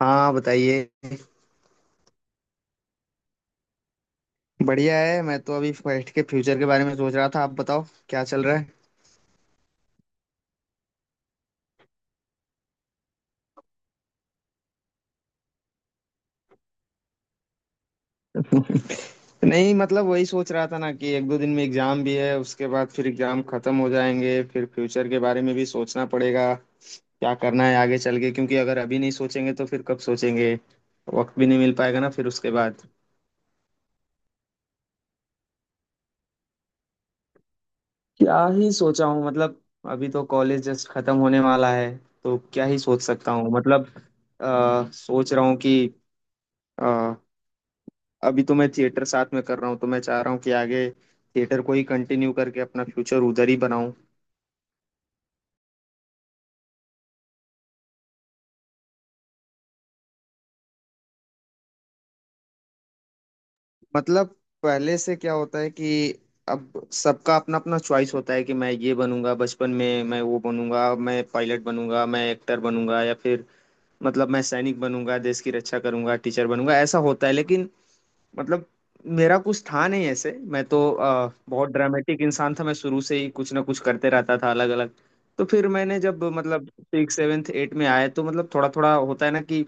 हाँ, बताइए। बढ़िया है। मैं तो अभी फर्स्ट के फ्यूचर के बारे में सोच रहा था। आप बताओ क्या चल रहा है। नहीं, मतलब वही सोच रहा था ना कि एक दो दिन में एग्जाम भी है, उसके बाद फिर एग्जाम खत्म हो जाएंगे, फिर फ्यूचर के बारे में भी सोचना पड़ेगा, क्या करना है आगे चल के। क्योंकि अगर अभी नहीं सोचेंगे तो फिर कब सोचेंगे। वक्त भी नहीं मिल पाएगा ना फिर उसके बाद। क्या ही सोचा हूँ मतलब। अभी तो कॉलेज जस्ट खत्म होने वाला है, तो क्या ही सोच सकता हूँ मतलब। सोच रहा हूँ कि अभी तो मैं थिएटर साथ में कर रहा हूँ, तो मैं चाह रहा हूँ कि आगे थिएटर को ही कंटिन्यू करके अपना फ्यूचर उधर ही बनाऊं। मतलब, पहले से क्या होता है कि अब सबका अपना अपना चॉइस होता है कि मैं ये बनूंगा, बचपन में मैं वो बनूंगा, मैं पायलट बनूंगा, मैं एक्टर बनूंगा, या फिर मतलब मैं सैनिक बनूंगा, देश की रक्षा करूंगा, टीचर बनूंगा, ऐसा होता है। लेकिन मतलब मेरा कुछ था नहीं ऐसे। मैं तो बहुत ड्रामेटिक इंसान था, मैं शुरू से ही कुछ ना कुछ करते रहता था अलग अलग। तो फिर मैंने जब मतलब सिक्स सेवेंथ एट में आया, तो मतलब थोड़ा थोड़ा होता है ना कि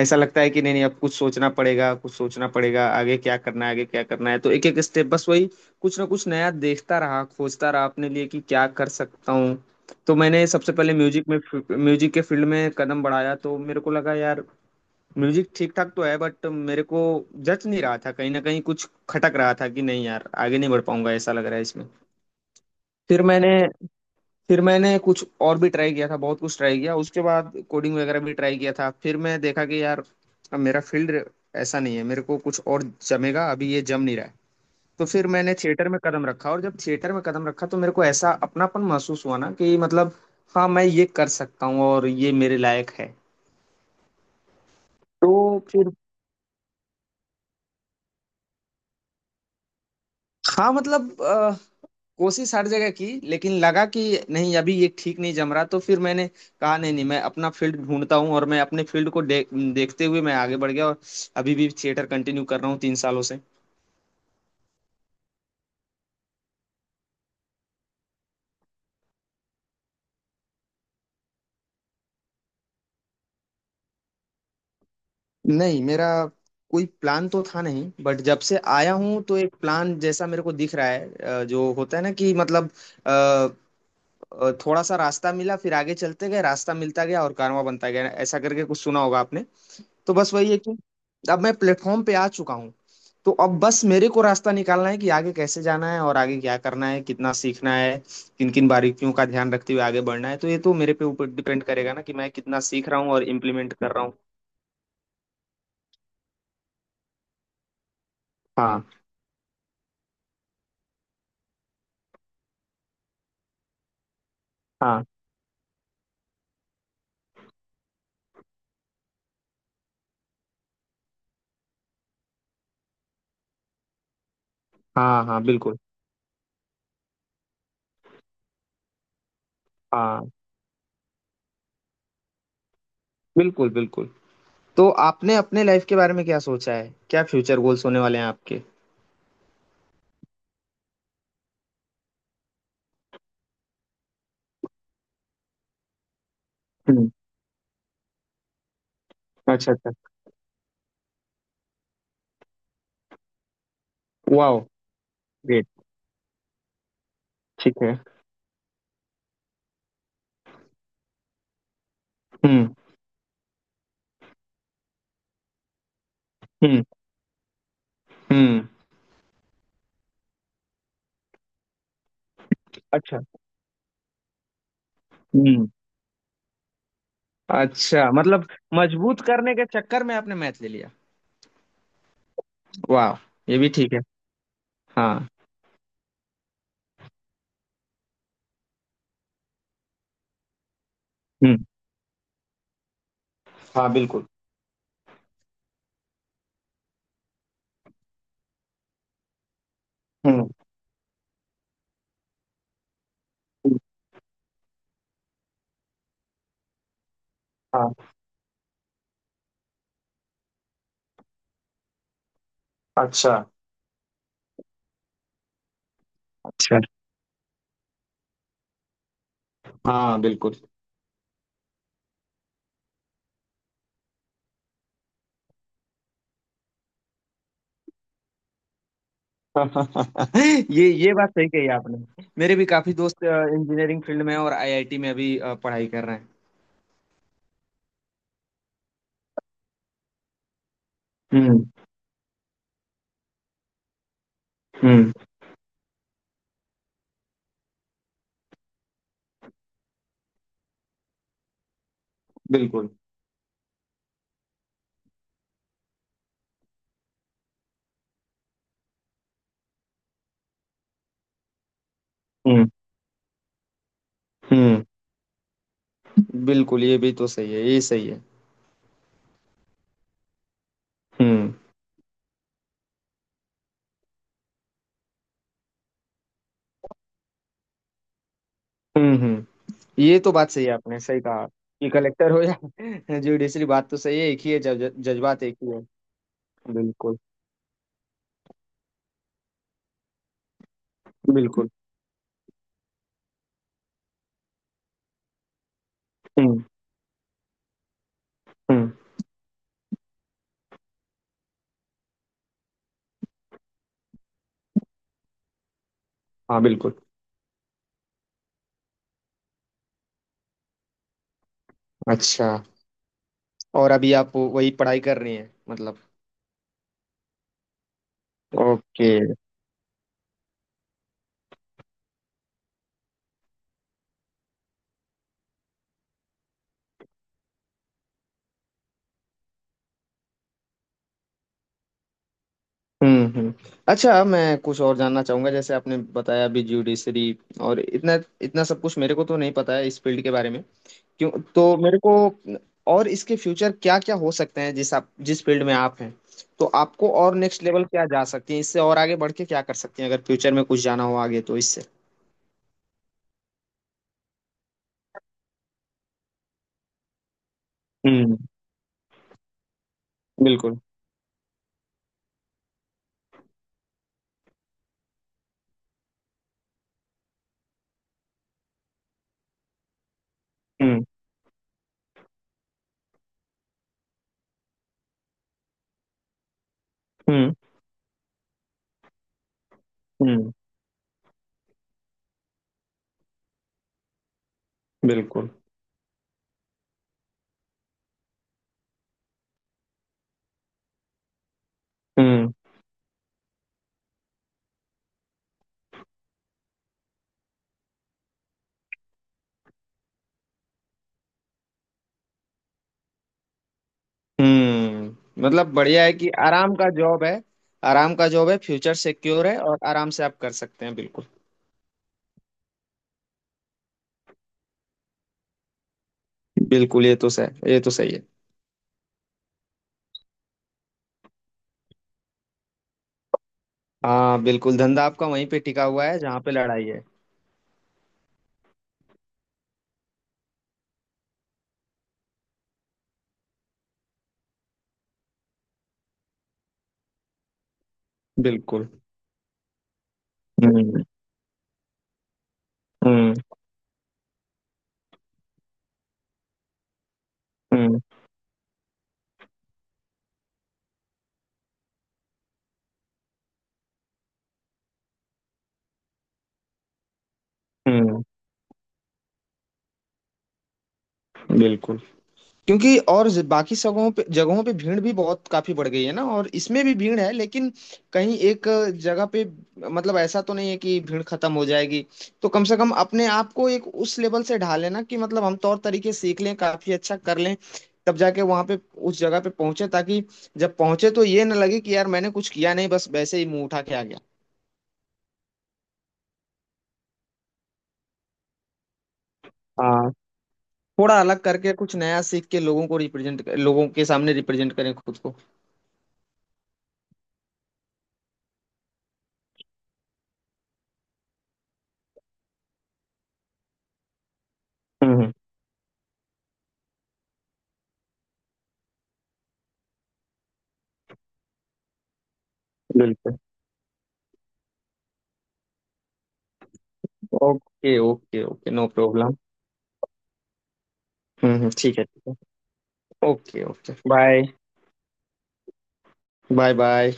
ऐसा लगता है कि नहीं नहीं, अब कुछ सोचना पड़ेगा कुछ सोचना पड़ेगा, आगे क्या करना है आगे क्या करना है। तो एक एक स्टेप बस वही कुछ ना कुछ नया देखता रहा, खोजता रहा अपने लिए कि क्या कर सकता हूँ। तो मैंने सबसे पहले म्यूजिक के फील्ड में कदम बढ़ाया, तो मेरे को लगा यार म्यूजिक ठीक ठाक तो है, बट मेरे को जच नहीं रहा था। कहीं ना कहीं कुछ खटक रहा था कि नहीं यार आगे नहीं बढ़ पाऊंगा ऐसा लग रहा है इसमें। फिर मैंने फिर मैंने कुछ और भी ट्राई किया था, बहुत कुछ ट्राई किया, उसके बाद कोडिंग वगैरह भी ट्राई किया था। फिर मैं देखा कि यार अब मेरा फील्ड ऐसा नहीं है, मेरे को कुछ और जमेगा, अभी ये जम नहीं रहा है। तो फिर मैंने थिएटर में कदम रखा, और जब थिएटर में कदम रखा तो मेरे को ऐसा अपनापन महसूस हुआ ना कि मतलब हाँ, मैं ये कर सकता हूँ और ये मेरे लायक है। तो फिर हाँ, मतलब कोशिश हर जगह की, लेकिन लगा कि नहीं अभी ये ठीक नहीं जम रहा। तो फिर मैंने कहा नहीं नहीं, मैं अपना फील्ड ढूंढता हूँ और मैं अपने फील्ड को देखते हुए मैं आगे बढ़ गया, और अभी भी थिएटर कंटिन्यू कर रहा हूँ 3 सालों से। नहीं मेरा कोई प्लान तो था नहीं, बट जब से आया हूँ तो एक प्लान जैसा मेरे को दिख रहा है। जो होता है ना कि मतलब अ, थोड़ा सा रास्ता मिला, फिर आगे चलते गए, रास्ता मिलता गया और कारवां बनता गया, ऐसा करके कुछ सुना होगा आपने। तो बस वही है कि अब मैं प्लेटफॉर्म पे आ चुका हूँ। तो अब बस मेरे को रास्ता निकालना है कि आगे कैसे जाना है और आगे क्या करना है, कितना सीखना है, किन किन बारीकियों का ध्यान रखते हुए आगे बढ़ना है। तो ये तो मेरे पे ऊपर डिपेंड करेगा ना कि मैं कितना सीख रहा हूँ और इम्प्लीमेंट कर रहा हूँ। हाँ हाँ। हाँ हाँ, बिल्कुल। हाँ, बिल्कुल बिल्कुल। तो आपने अपने लाइफ के बारे में क्या सोचा है, क्या फ्यूचर गोल्स होने वाले हैं आपके। हम्म। अच्छा, अच्छा। Wow, great. ठीक है। हम्म। हम्म। हम्म। अच्छा। हम्म। अच्छा, मतलब मजबूत करने के चक्कर में आपने मैच ले लिया। वाह, ये भी ठीक है। हाँ। हम्म। हाँ, बिल्कुल। हम्म। हाँ। अच्छा, अच्छा। हाँ, बिल्कुल। ये बात सही कही आपने। मेरे भी काफी दोस्त इंजीनियरिंग फील्ड में हैं और आईआईटी में अभी पढ़ाई कर रहे हैं। हम्म हम्म, बिल्कुल। हम्म हम्म, बिल्कुल। ये भी तो सही है, ये सही है। हम्म हम्म। हम्म। ये तो बात सही है, आपने सही कहा कि कलेक्टर हो या जुडिशरी, बात तो सही है एक ही है, जज्बात एक ही है। बिल्कुल बिल्कुल। हम्म हम्म। हाँ, बिल्कुल। अच्छा, और अभी आप वही पढ़ाई कर रही हैं मतलब। ओके। हम्म। अच्छा, मैं कुछ और जानना चाहूंगा। जैसे आपने बताया अभी ज्यूडिशरी, और इतना इतना सब कुछ मेरे को तो नहीं पता है इस फील्ड के बारे में। क्यों तो मेरे को, और इसके फ्यूचर क्या क्या हो सकते हैं जिस आप जिस फील्ड में आप हैं, तो आपको और नेक्स्ट लेवल क्या जा सकती है इससे, और आगे बढ़ के क्या कर सकती हैं अगर फ्यूचर में कुछ जाना हो आगे तो इससे। हम्म, बिल्कुल। हम्म हम्म। हम्म, बिल्कुल। हम्म हम्म, मतलब बढ़िया है कि आराम का जॉब है। आराम का जॉब है, फ्यूचर सिक्योर है और आराम से आप कर सकते हैं, बिल्कुल। बिल्कुल, ये तो सही, ये तो सही है। हाँ बिल्कुल, धंधा आपका वहीं पे टिका हुआ है जहाँ पे लड़ाई है। बिल्कुल। हम्म हम्म। हम्म हम्म, बिल्कुल। क्योंकि और बाकी जगहों पे भीड़ भी बहुत काफी बढ़ गई है ना, और इसमें भी भीड़ है लेकिन कहीं एक जगह पे, मतलब ऐसा तो नहीं है कि भीड़ खत्म हो जाएगी। तो कम से कम अपने आप को एक उस लेवल से ढाल लेना कि मतलब हम तौर तरीके सीख लें, काफी अच्छा कर लें, तब जाके वहां पे उस जगह पे पहुंचे, ताकि जब पहुंचे तो ये ना लगे कि यार मैंने कुछ किया नहीं बस वैसे ही मुंह उठा के आ गया। हाँ, थोड़ा अलग करके कुछ नया सीख के लोगों के सामने रिप्रेजेंट करें खुद को। हम्म हम्म, बिल्कुल। Okay, okay, okay, no problem. ठीक है ठीक है। Okay, okay, bye. Bye bye.